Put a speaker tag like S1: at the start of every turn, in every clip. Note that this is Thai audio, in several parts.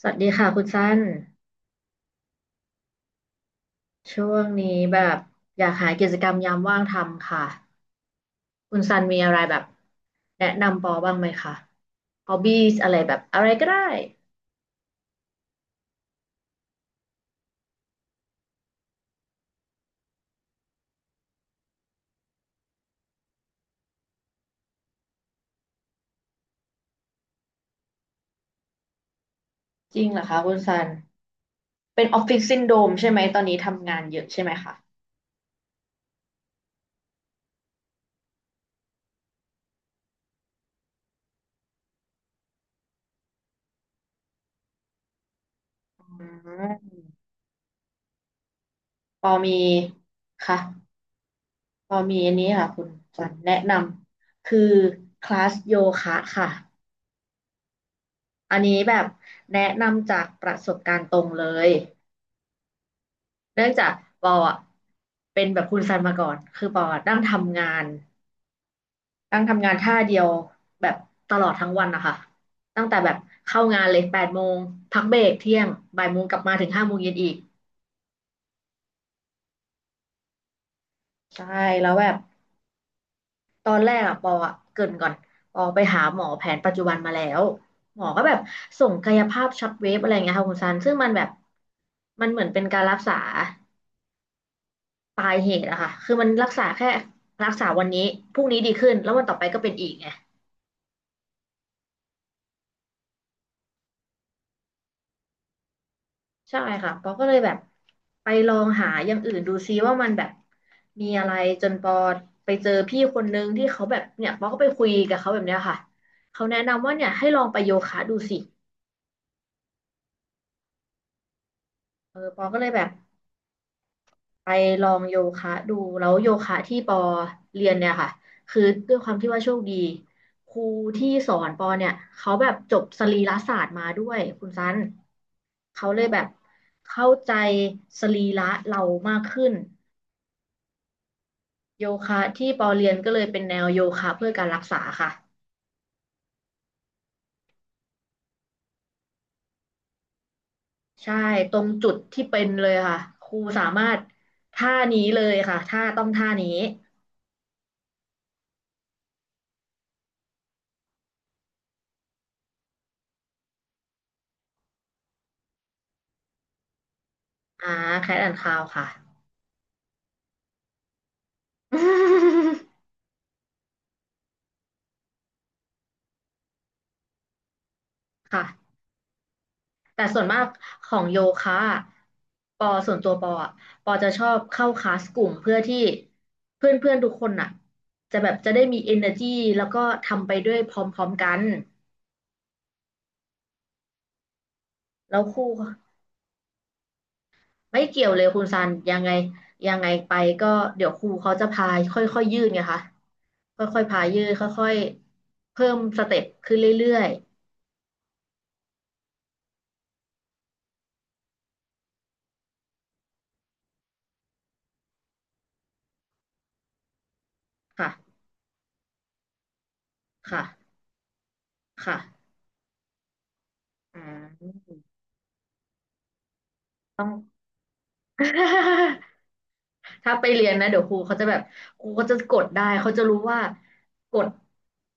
S1: สวัสดีค่ะคุณสั้นช่วงนี้แบบอยากหากิจกรรมยามว่างทำค่ะคุณซันมีอะไรแบบแนะนำปอบ้างไหมคะฮอบบี้อะไรแบบอะไรก็ได้จริงเหรอคะคุณซันเป็นออฟฟิศซินโดมใช่ไหมตอนนี้ทำงานเยอะใช่ไหมคะอืมปอมีค่ะปอมีอันนี้ค่ะคุณซันแนะนำคือคลาสโยคะค่ะอันนี้แบบแนะนำจากประสบการณ์ตรงเลย เนื่องจากปออ่ะเป็นแบบคุณซันมาก่อน คือปออะนั่งทำงานนั่งทำงานท่าเดียวแบบตลอดทั้งวันนะคะ ตั้งแต่แบบเข้างานเลย8 โมง พักเบรกเที่ยงบ่าย 1 โมงกลับมาถึง5 โมงเย็นอีกใช่แล้วแบบตอนแรกอะปออะเกริ่นก่อนปอไปหาหมอแผนปัจจุบันมาแล้ว หมอก็แบบส่งกายภาพช็อตเวฟอะไรเงี้ยค่ะคุณซัน ซึ่งมันแบบมันเหมือนเป็นการรักษาปลายเหตุอะค่ะคือมันรักษาแค่รักษาวันนี้พรุ่งนี้ดีขึ้นแล้ววันต่อไปก็เป็นอีกไง ใช่ค่ะปอก็เลยแบบไปลองหาอย่างอื่นดูซิว่ามันแบบมีอะไรจนปอไปเจอพี่คนนึงที่เขาแบบเนี่ยปอก็ไปคุยกับเขาแบบเนี้ยค่ะเขาแนะนำว่าเนี่ยให้ลองไปโยคะดูสิเออปอก็เลยแบบไปลองโยคะดูแล้วโยคะที่ปอเรียนเนี่ยค่ะคือด้วยความที่ว่าโชคดีครูที่สอนปอเนี่ยเขาแบบจบสรีรศาสตร์มาด้วยคุณซันเขาเลยแบบเข้าใจสรีระเรามากขึ้น โยคะที่ปอเรียนก็เลยเป็นแนวโยคะเพื่อการรักษาค่ะใช่ตรงจุดที่เป็นเลยค่ะครูสามารถท่านี้เลยค่ะท่าต้องท่านี้อ่าแคทแอนด์คาวค่ะ ค่ะแต่ส่วนมากของโยคะอะปอส่วนตัวปออะปอจะชอบเข้าคลาสกลุ่มเพื่อที่เพื่อนเพื่อนทุกคนอ่ะจะแบบจะได้มี energy แล้วก็ทำไปด้วยพร้อมๆกันแล้วครู ไม่เกี่ยวเลยคุณซันยังไงยังไงไปก็เดี๋ยวครูเขาจะพาค่อยๆยืดไงคะค่อยๆพายืดค่อยๆเพิ่มสเต็ปขึ้นเรื่อยๆค่ะค่ะค่ะอ่าต้อง ถ้าไปเรียนนะเดี๋ยวครูเขาจะแบบครูเขาจะกดได้เขาจะรู้ว่ากด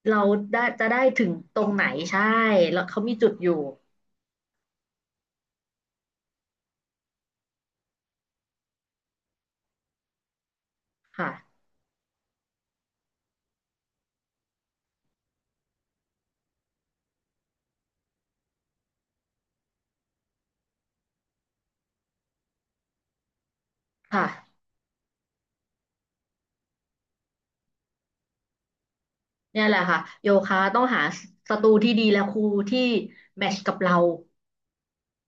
S1: เราได้จะได้ถึงตรงไหนใช่แล้วเขามีจุดอยู่ค่ะค่ะเนี่ยแหละค่ะโยคะต้องหาสตูที่ดีและครูที่แมทช์กับเรา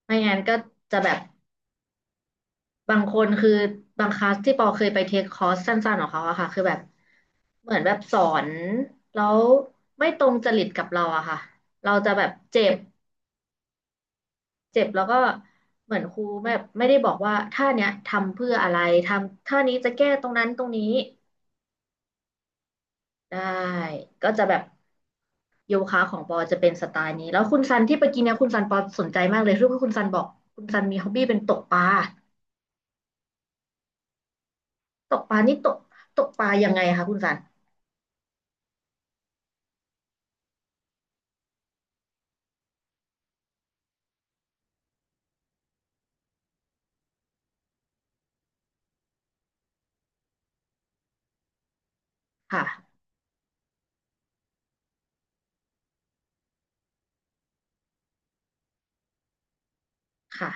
S1: ไม่งั้นก็จะแบบบางคนคือบางคลาสที่ปอเคยไปเทคคอร์สสั้นๆของเขาอะค่ะคือแบบเหมือนแบบสอนแล้วไม่ตรงจริตกับเราอะค่ะเราจะแบบเจ็บเจ็บแล้วก็เหมือนครูแบบไม่ได้บอกว่าท่าเนี้ยทำเพื่ออะไรทำท่านี้จะแก้ตรงนั้นตรงนี้ได้ก็จะแบบโยคะของปอจะเป็นสไตล์นี้แล้วคุณซันที่ไปกินเนี่ยคุณซันปอสนใจมากเลยรู้ว่าคุณซันบอกคุณซันมีฮ็อบบี้เป็นตกปลาตกปลานี่ตกตกปลายังไงคะคุณซัน ค่ะ ค่ะ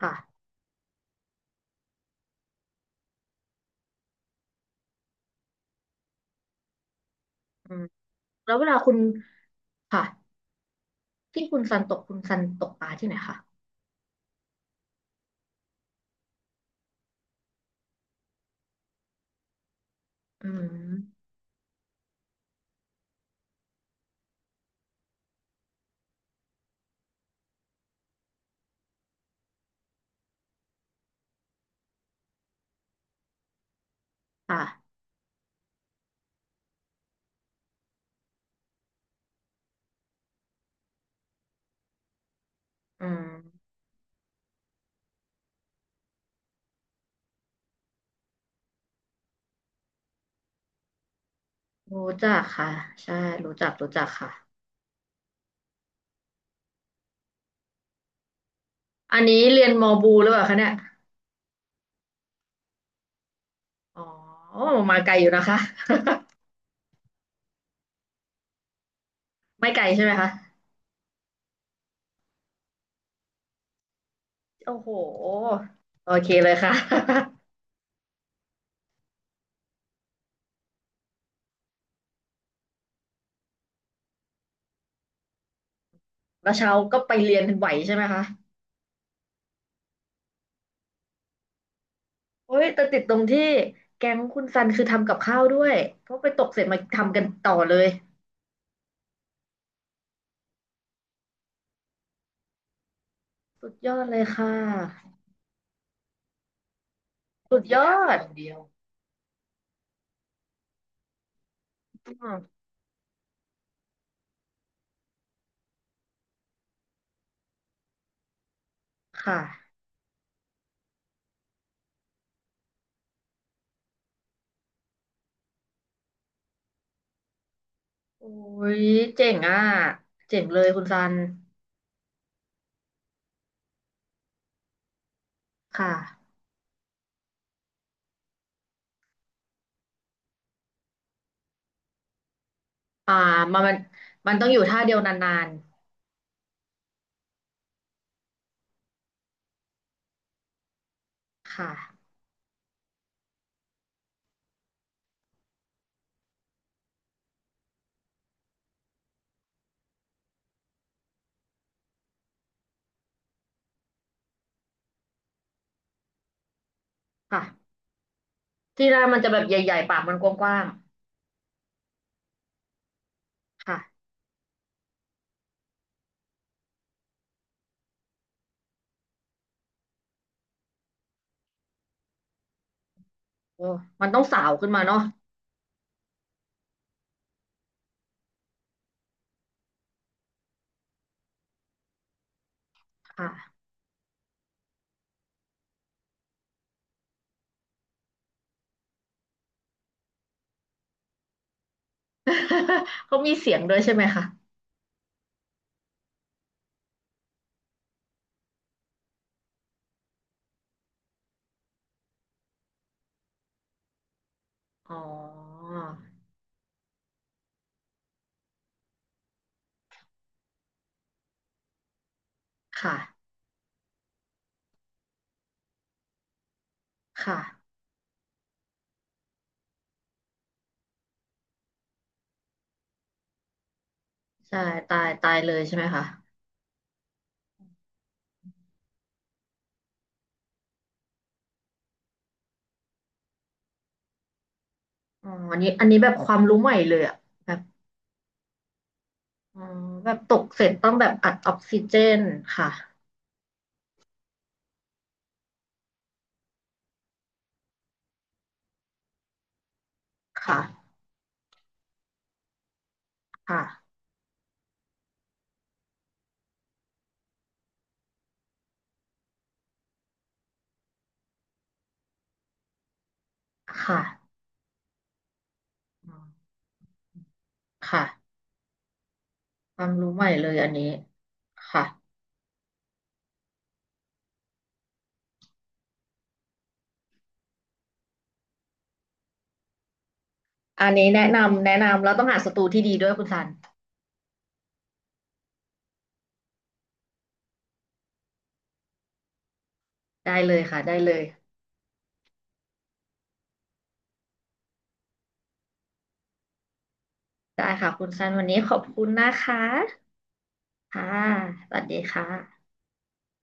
S1: ค่ะอืมแล้วเวลาคุณค่ะที่คุณซันตกคุณซันตกปลาที่ไหนคะอืมค่ะอืมรู้จักค่ะใช่ รู้จักค่ะอันนี้เรียนมอบูหรือเปล่าคะเนี่ยอ๋อมาไกลอยู่นะคะ ไม่ไกลใช่ไหมคะโอ้โหโอเคเลยค่ะ แล้วเช้าก็ไปเรียนไหวใช่ไหมคะโอ้ยแต่ติดตรงที่แก๊งคุณซันคือทำกับข้าวด้วยเพราะไปตกเสร็จมาทำกันต่อเลยสุดยอดเลยค่ะ สุดยอดคนเดียวอืมค่ะโอ้ยเจ๋งอ่ะเจ๋งเลยคุณซันค่ะอ่ามันมันมันต้องอยู่ท่าเดียวนานๆค่ะค่ะที่แรกมันจะแบบใหญ่ๆปากมันกว้างๆค่ะโอ้มันต้องสาวขึ้นมาเนาะค่ะ เขามีเสียงด้วยใช่ไหมคะอ๋อค่ะค่ะใช่ตายตายเลยใช่ไหมคะอ๋ออันนี้อันนี้แบบความรู้ใหม่เลยอะแบบอ๋อแบบตกเสร็จต้องแบบอัดออกซิเจนค่ะ ค่ะค่ะค่ะอืมค่ะความรู้ใหม่เลยอันนี้ค่ะอันนี้แนะนำแนะนำเราต้องหาศัตรูที่ดีด้วยคุณซันได้เลยค่ะได้เลยได้ค่ะคุณซันวันนี้ขอบคุณนะคะค่ะสวัสดีค่ะ